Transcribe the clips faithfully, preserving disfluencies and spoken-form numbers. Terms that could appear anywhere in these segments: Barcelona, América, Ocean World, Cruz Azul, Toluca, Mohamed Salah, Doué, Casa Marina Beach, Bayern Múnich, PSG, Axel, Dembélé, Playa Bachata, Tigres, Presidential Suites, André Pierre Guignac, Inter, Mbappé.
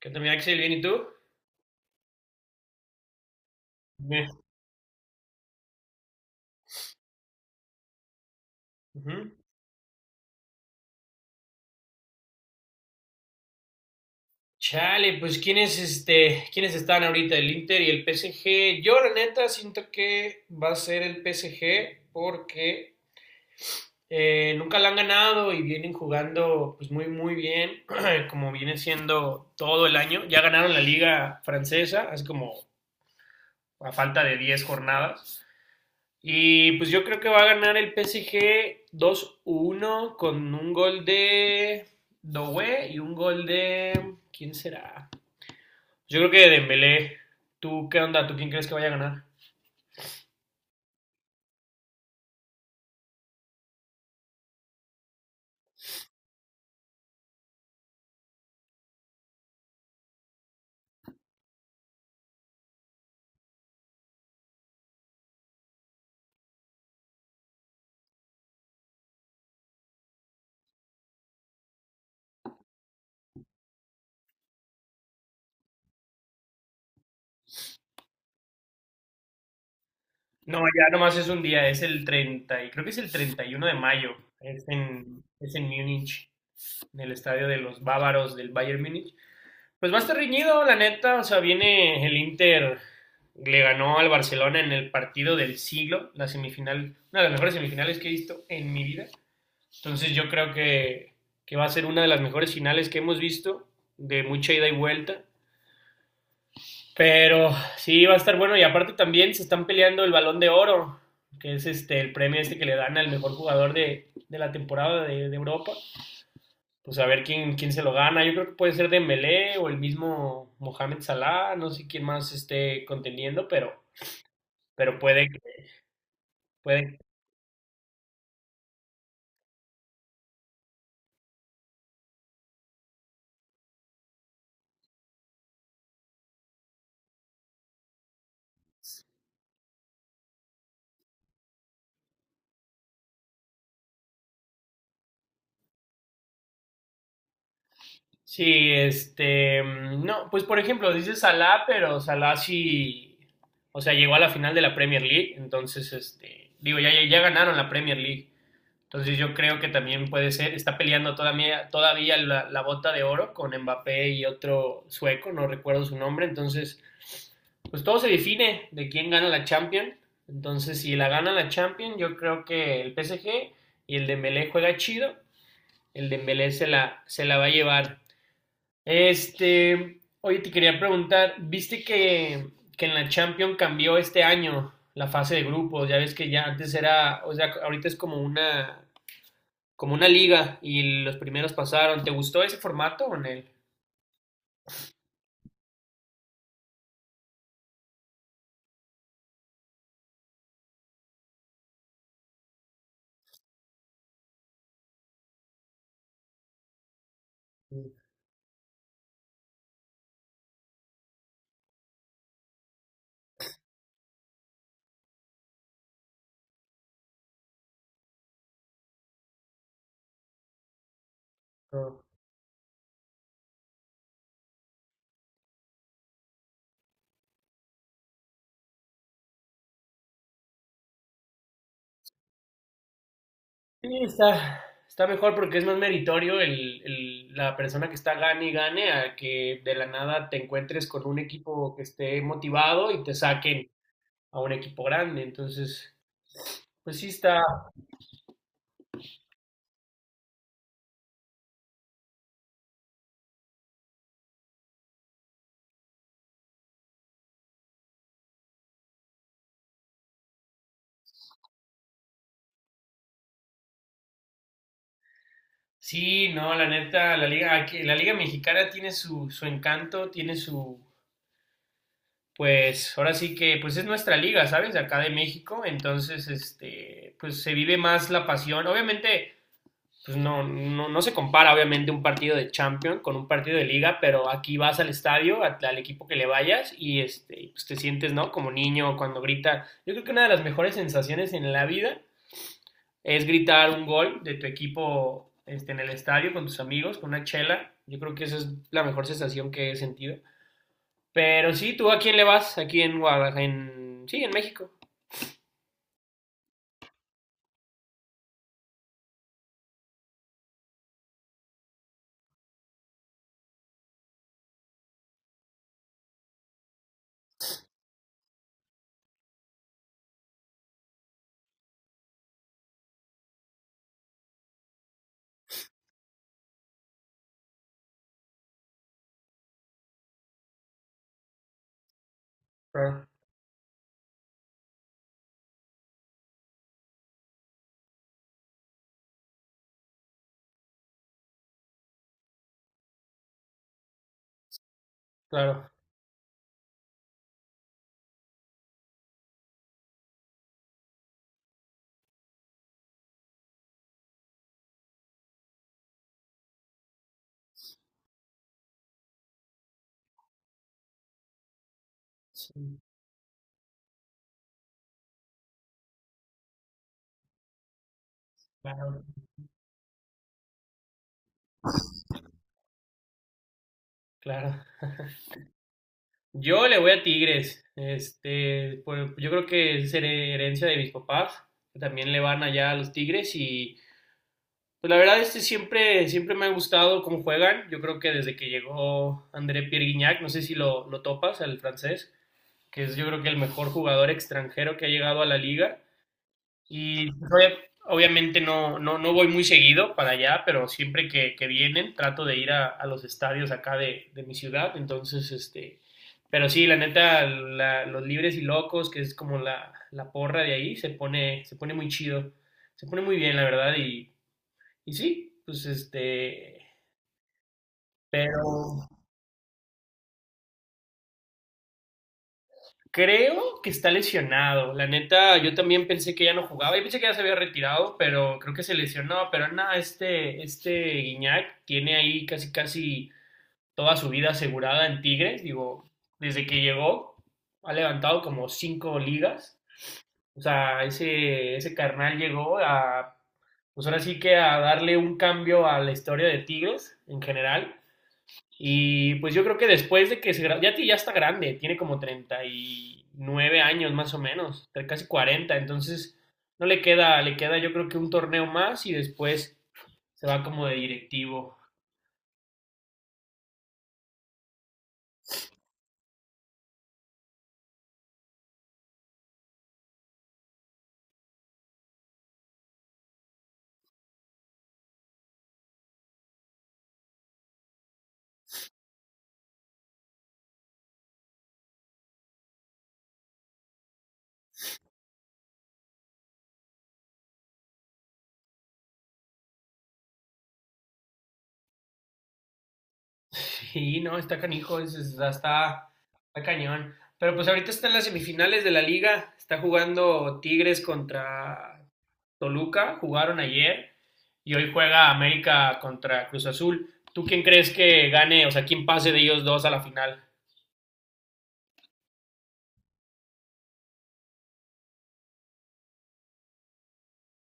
¿Qué tal, mi Axel? ¿Bien y tú? Bien. Ujú. Chale, pues ¿quiénes, este, quiénes están ahorita? El Inter y el P S G. Yo, la neta, siento que va a ser el P S G porque eh, nunca la han ganado y vienen jugando pues muy, muy bien, como viene siendo todo el año. Ya ganaron la liga francesa, así como a falta de diez jornadas. Y pues yo creo que va a ganar el P S G dos uno con un gol de Doué y un gol de, ¿Quién será? Yo creo que de Dembélé. ¿Tú qué onda? ¿Tú quién crees que vaya a ganar? No, ya nomás es un día, es el treinta y creo que es el treinta y uno de mayo. Es en, es en Múnich, en el estadio de los bávaros del Bayern Múnich. Pues va a estar reñido, la neta. O sea, viene el Inter, le ganó al Barcelona en el partido del siglo, la semifinal, una de las mejores semifinales que he visto en mi vida. Entonces yo creo que, que va a ser una de las mejores finales que hemos visto, de mucha ida y vuelta. Pero sí, va a estar bueno. Y aparte también se están peleando el balón de oro, que es este el premio este que le dan al mejor jugador de, de la temporada de, de Europa. Pues a ver quién, quién se lo gana. Yo creo que puede ser Dembélé o el mismo Mohamed Salah, no sé quién más esté contendiendo, pero, pero puede, que- puede. Sí, este, mm, no, pues por ejemplo, dice Salah, pero Salah sí, o sea, llegó a la final de la Premier League, entonces, este, digo, ya, ya ya ganaron la Premier League, entonces yo creo que también puede ser, está peleando todavía, todavía la, la bota de oro con Mbappé y otro sueco, no recuerdo su nombre, entonces pues todo se define de quién gana la Champions. Entonces, si la gana la Champions, yo creo que el P S G y el Dembélé juega chido. El Dembélé se la, se la va a llevar. Este, oye, te quería preguntar, ¿viste que, que en la Champions cambió este año la fase de grupos? Ya ves que ya antes era, o sea, ahorita es como una, como una liga y los primeros pasaron. ¿Te gustó ese formato o en él? Sí, está, está mejor porque es más meritorio el, el- la persona que está gane y gane a que de la nada te encuentres con un equipo que esté motivado y te saquen a un equipo grande. Entonces, pues sí está. Sí, no, la neta, la liga, aquí- la liga mexicana tiene su, su encanto, tiene su, pues, ahora sí que, pues es nuestra liga, ¿sabes? De acá de México, entonces, este, pues se vive más la pasión. Obviamente, pues no, no, no, se compara obviamente un partido de Champions con un partido de liga, pero aquí vas al estadio, a, al equipo que le vayas y este, y, pues te sientes, ¿no? Como niño cuando grita. Yo creo que una de las mejores sensaciones en la vida es gritar un gol de tu equipo este, en el estadio con tus amigos, con una chela. Yo creo que esa es la mejor sensación que he sentido. Pero sí, ¿tú a quién le vas? Aquí en Guadalajara, en... Sí, en México. Claro, claro. Sí, claro, claro. Yo le voy a Tigres. Este, pues yo creo que es her- herencia de mis papás, que también le van allá a los Tigres y pues la verdad este siempre siempre me ha gustado cómo juegan. Yo creo que desde que llegó André Pierre Guignac, no sé si lo lo topas, el francés, que es yo creo que el mejor jugador extranjero que ha llegado a la liga. Y obviamente no, no, no voy muy seguido para allá, pero siempre que, que vienen trato de ir a, a los estadios acá de, de mi ciudad. Entonces, este, pero sí, la neta, la- los libres y locos, que es como la, la porra de ahí, se pone, se pone muy chido, se pone muy bien, la verdad, y, y sí, pues este, pero creo que está lesionado. La neta, yo también pensé que ya no jugaba. Yo pensé que ya se había retirado, pero creo que se lesionó. Pero nada, este, este Guiñac tiene ahí casi, casi toda su vida asegurada en Tigres. Digo, desde que llegó, ha levantado como cinco ligas. O sea, ese, ese carnal llegó a, pues ahora sí que a darle un cambio a la historia de Tigres en general. Y pues yo creo que después de que se gra- ya, ti- ya está grande, tiene como treinta y nueve años más o menos, tre- casi cuarenta. Entonces no le queda, le queda yo creo que un torneo más y después se va como de directivo. Sí, no, está canijo, es- es- está, está está cañón. Pero pues ahorita están las semifinales de la liga, está jugando Tigres contra Toluca, jugaron ayer y hoy juega América contra Cruz Azul. ¿Tú quién crees que gane, o sea, quién pase de ellos dos a la final?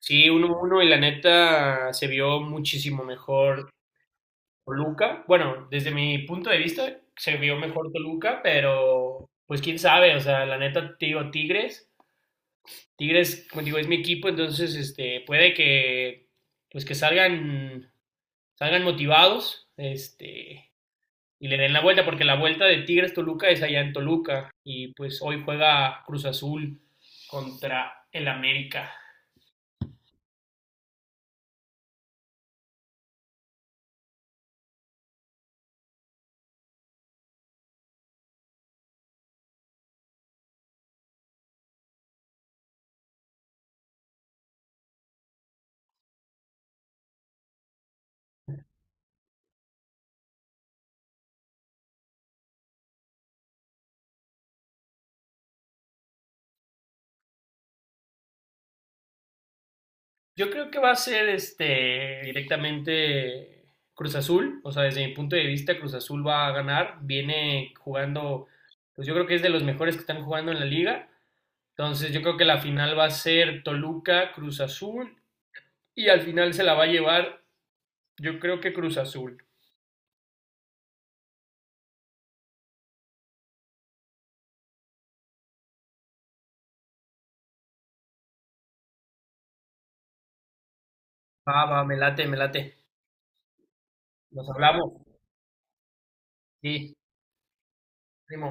Sí, uno uno y la neta se vio muchísimo mejor Toluca. Bueno, desde mi punto de vista se vio mejor Toluca, pero pues quién sabe, o sea, la neta te digo Tigres, Tigres, como digo, es mi equipo, entonces este puede que pues que salgan salgan motivados, este y le den la vuelta porque la vuelta de Tigres Toluca es allá en Toluca y pues hoy juega Cruz Azul contra el América. Yo creo que va a ser este directamente Cruz Azul, o sea, desde mi punto de vista Cruz Azul va a ganar, viene jugando, pues yo creo que es de los mejores que están jugando en la liga, entonces yo creo que la final va a ser Toluca, Cruz Azul y al final se la va a llevar, yo creo que Cruz Azul. Va, va, me late, me late. Nos hablamos. Sí, primo.